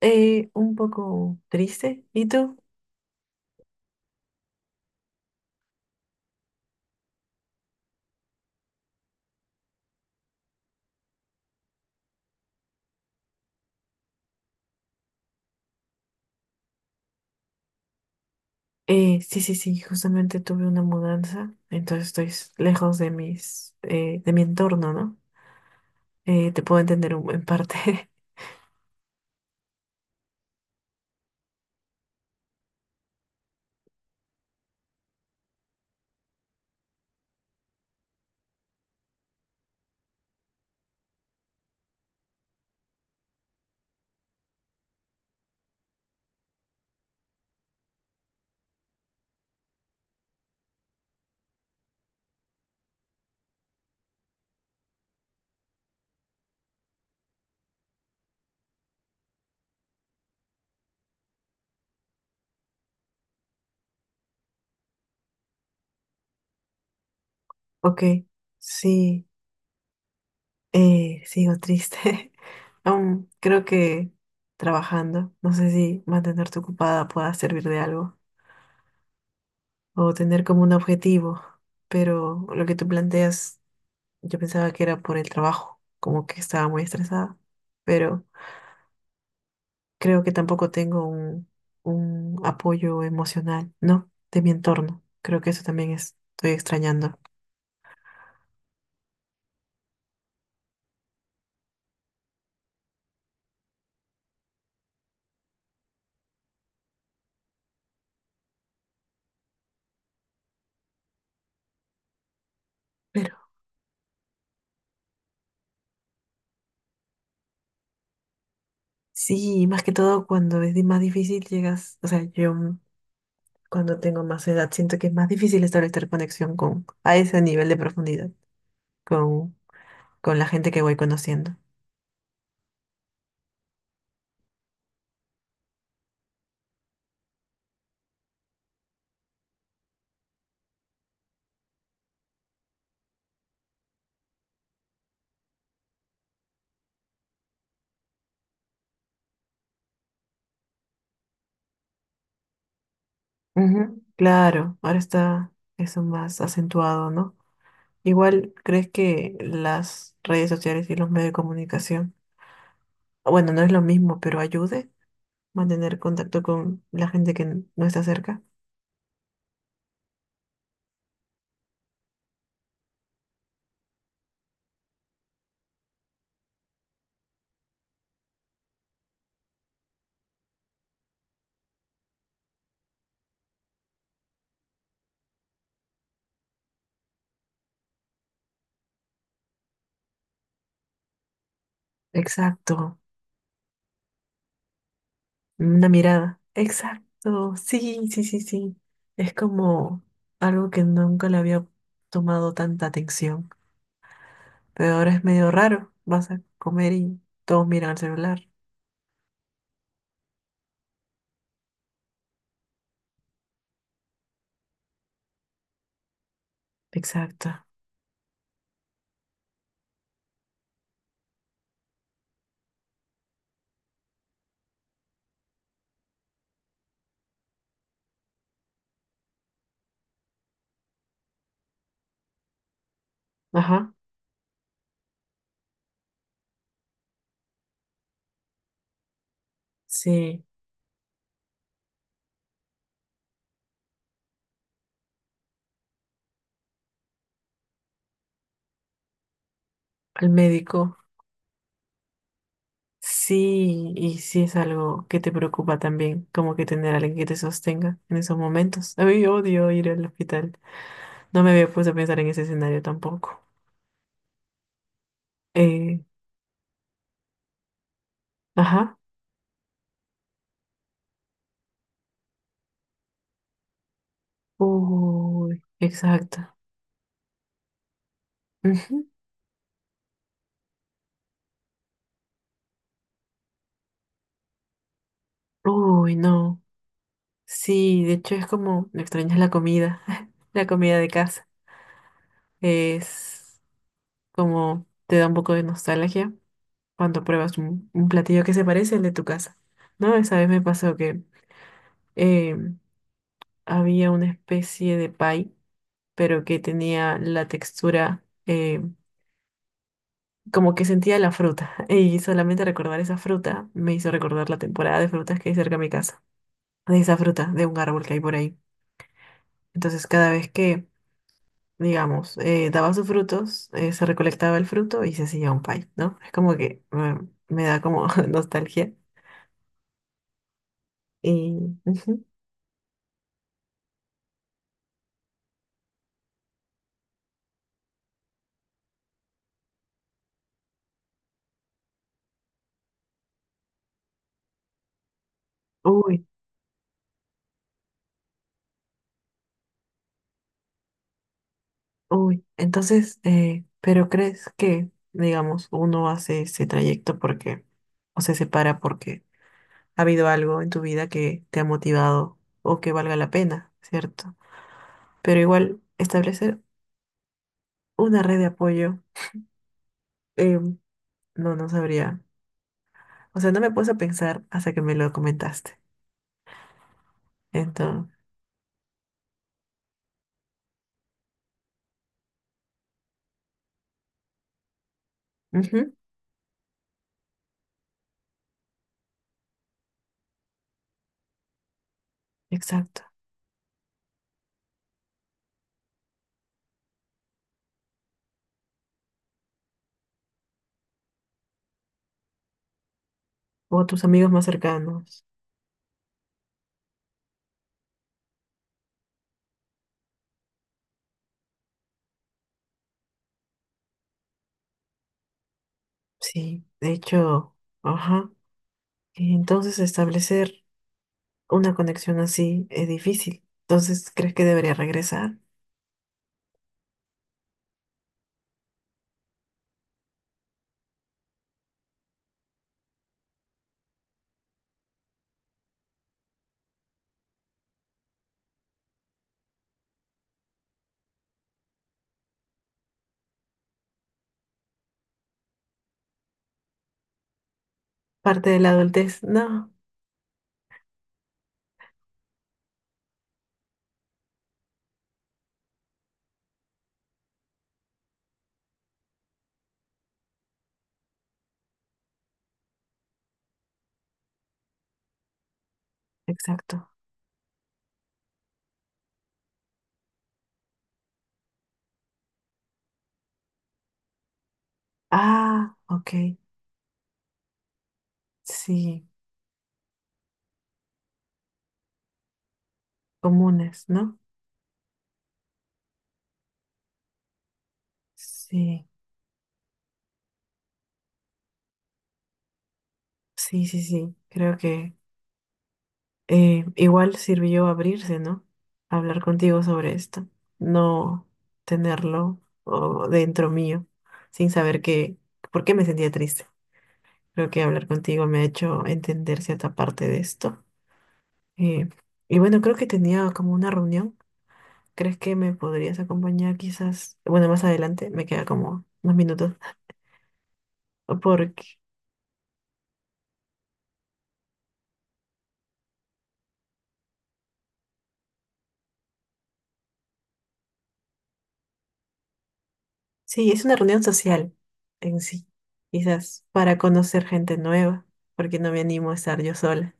Un poco triste. ¿Y tú? Sí, justamente tuve una mudanza, entonces estoy lejos de mis, de mi entorno, ¿no? Te puedo entender en parte. Ok, sí, sigo triste. Aún creo que trabajando, no sé si mantenerte ocupada pueda servir de algo o tener como un objetivo, pero lo que tú planteas, yo pensaba que era por el trabajo, como que estaba muy estresada, pero creo que tampoco tengo un apoyo emocional, ¿no? De mi entorno. Creo que eso también estoy extrañando. Pero sí, más que todo cuando es más difícil llegas, o sea, yo cuando tengo más edad siento que es más difícil establecer conexión con, a ese nivel de profundidad, con, con la gente que voy conociendo. Ujú. Claro, ahora está eso más acentuado, ¿no? Igual, ¿crees que las redes sociales y los medios de comunicación, bueno, no es lo mismo, pero ayude? Mantener contacto con la gente que no está cerca. Exacto, una mirada. Exacto, sí, sí, sí, sí. Es como algo que nunca le había tomado tanta atención, pero ahora es medio raro. Vas a comer y todos miran al celular. Exacto. Ajá. Sí, al médico. Sí, y sí es algo que te preocupa también, como que tener a alguien que te sostenga en esos momentos. A mí odio ir al hospital. No me había puesto a pensar en ese escenario tampoco. Eh, ajá. Uy, exacto. Ujú. Uy, no. Sí, de hecho es como, me extrañas la comida, la comida de casa. Es como, te da un poco de nostalgia cuando pruebas un platillo que se parece al de tu casa. ¿No? Esa vez me pasó que eh, había una especie de pie, pero que tenía la textura, como que sentía la fruta. Y solamente recordar esa fruta me hizo recordar la temporada de frutas que hay cerca de mi casa, de esa fruta, de un árbol que hay por ahí. Entonces, cada vez que, digamos, daba sus frutos, se recolectaba el fruto y se hacía un pie, ¿no? Es como que me da como nostalgia. Y, ujú. Uy, uy. Entonces, ¿pero crees que, digamos, uno hace ese trayecto porque, o se separa porque ha habido algo en tu vida que te ha motivado o que valga la pena, ¿cierto? Pero igual, establecer una red de apoyo, em, no sabría. O sea, no me puse a pensar hasta que me lo comentaste. Entonces, ujú, exacto. O tus amigos más cercanos. Sí, de hecho, ajá. Y entonces, establecer una conexión así es difícil. Entonces, ¿crees que debería regresar? Parte de la adultez. No, exacto. Ah, ok. Sí, comunes, ¿no? Sí, sí, sí, sí. Creo que igual sirvió abrirse, ¿no? Hablar contigo sobre esto, no tenerlo dentro mío, sin saber qué, por qué me sentía triste. Creo que hablar contigo me ha hecho entender cierta parte de esto. Eh, y bueno, creo que tenía como una reunión. ¿Crees que me podrías acompañar quizás? Bueno, más adelante, me queda como unos minutos. Porque sí, es una reunión social en sí, quizás para conocer gente nueva, porque no me animo a estar yo sola.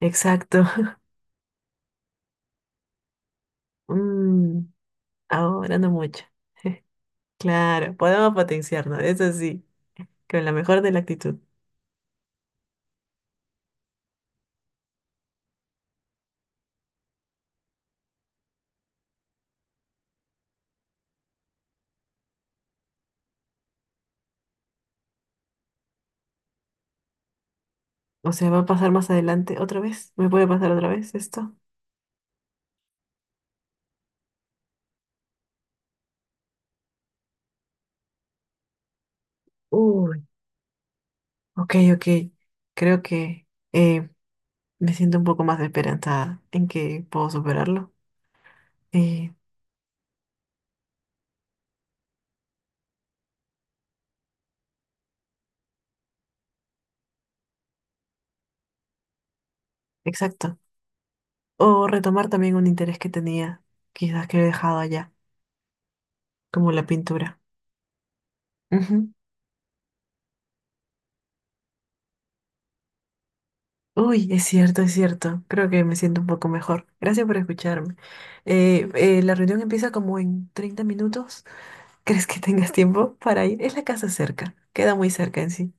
Exacto. Mm, ahora no mucho. Claro, podemos potenciarnos, eso sí, con la mejor de la actitud. O sea, ¿va a pasar más adelante otra vez? ¿Me puede pasar otra vez esto? Uy, ok, ok. Creo que eh, me siento un poco más esperanzada en que puedo superarlo. Eh, exacto. O retomar también un interés que tenía, quizás que he dejado allá, como la pintura. Uy, es cierto, es cierto. Creo que me siento un poco mejor. Gracias por escucharme. La reunión empieza como en 30 minutos. ¿Crees que tengas tiempo para ir? Es la casa cerca. Queda muy cerca en sí.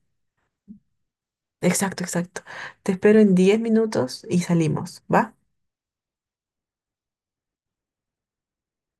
Exacto, exacto. Te espero en 10 minutos y salimos, ¿va?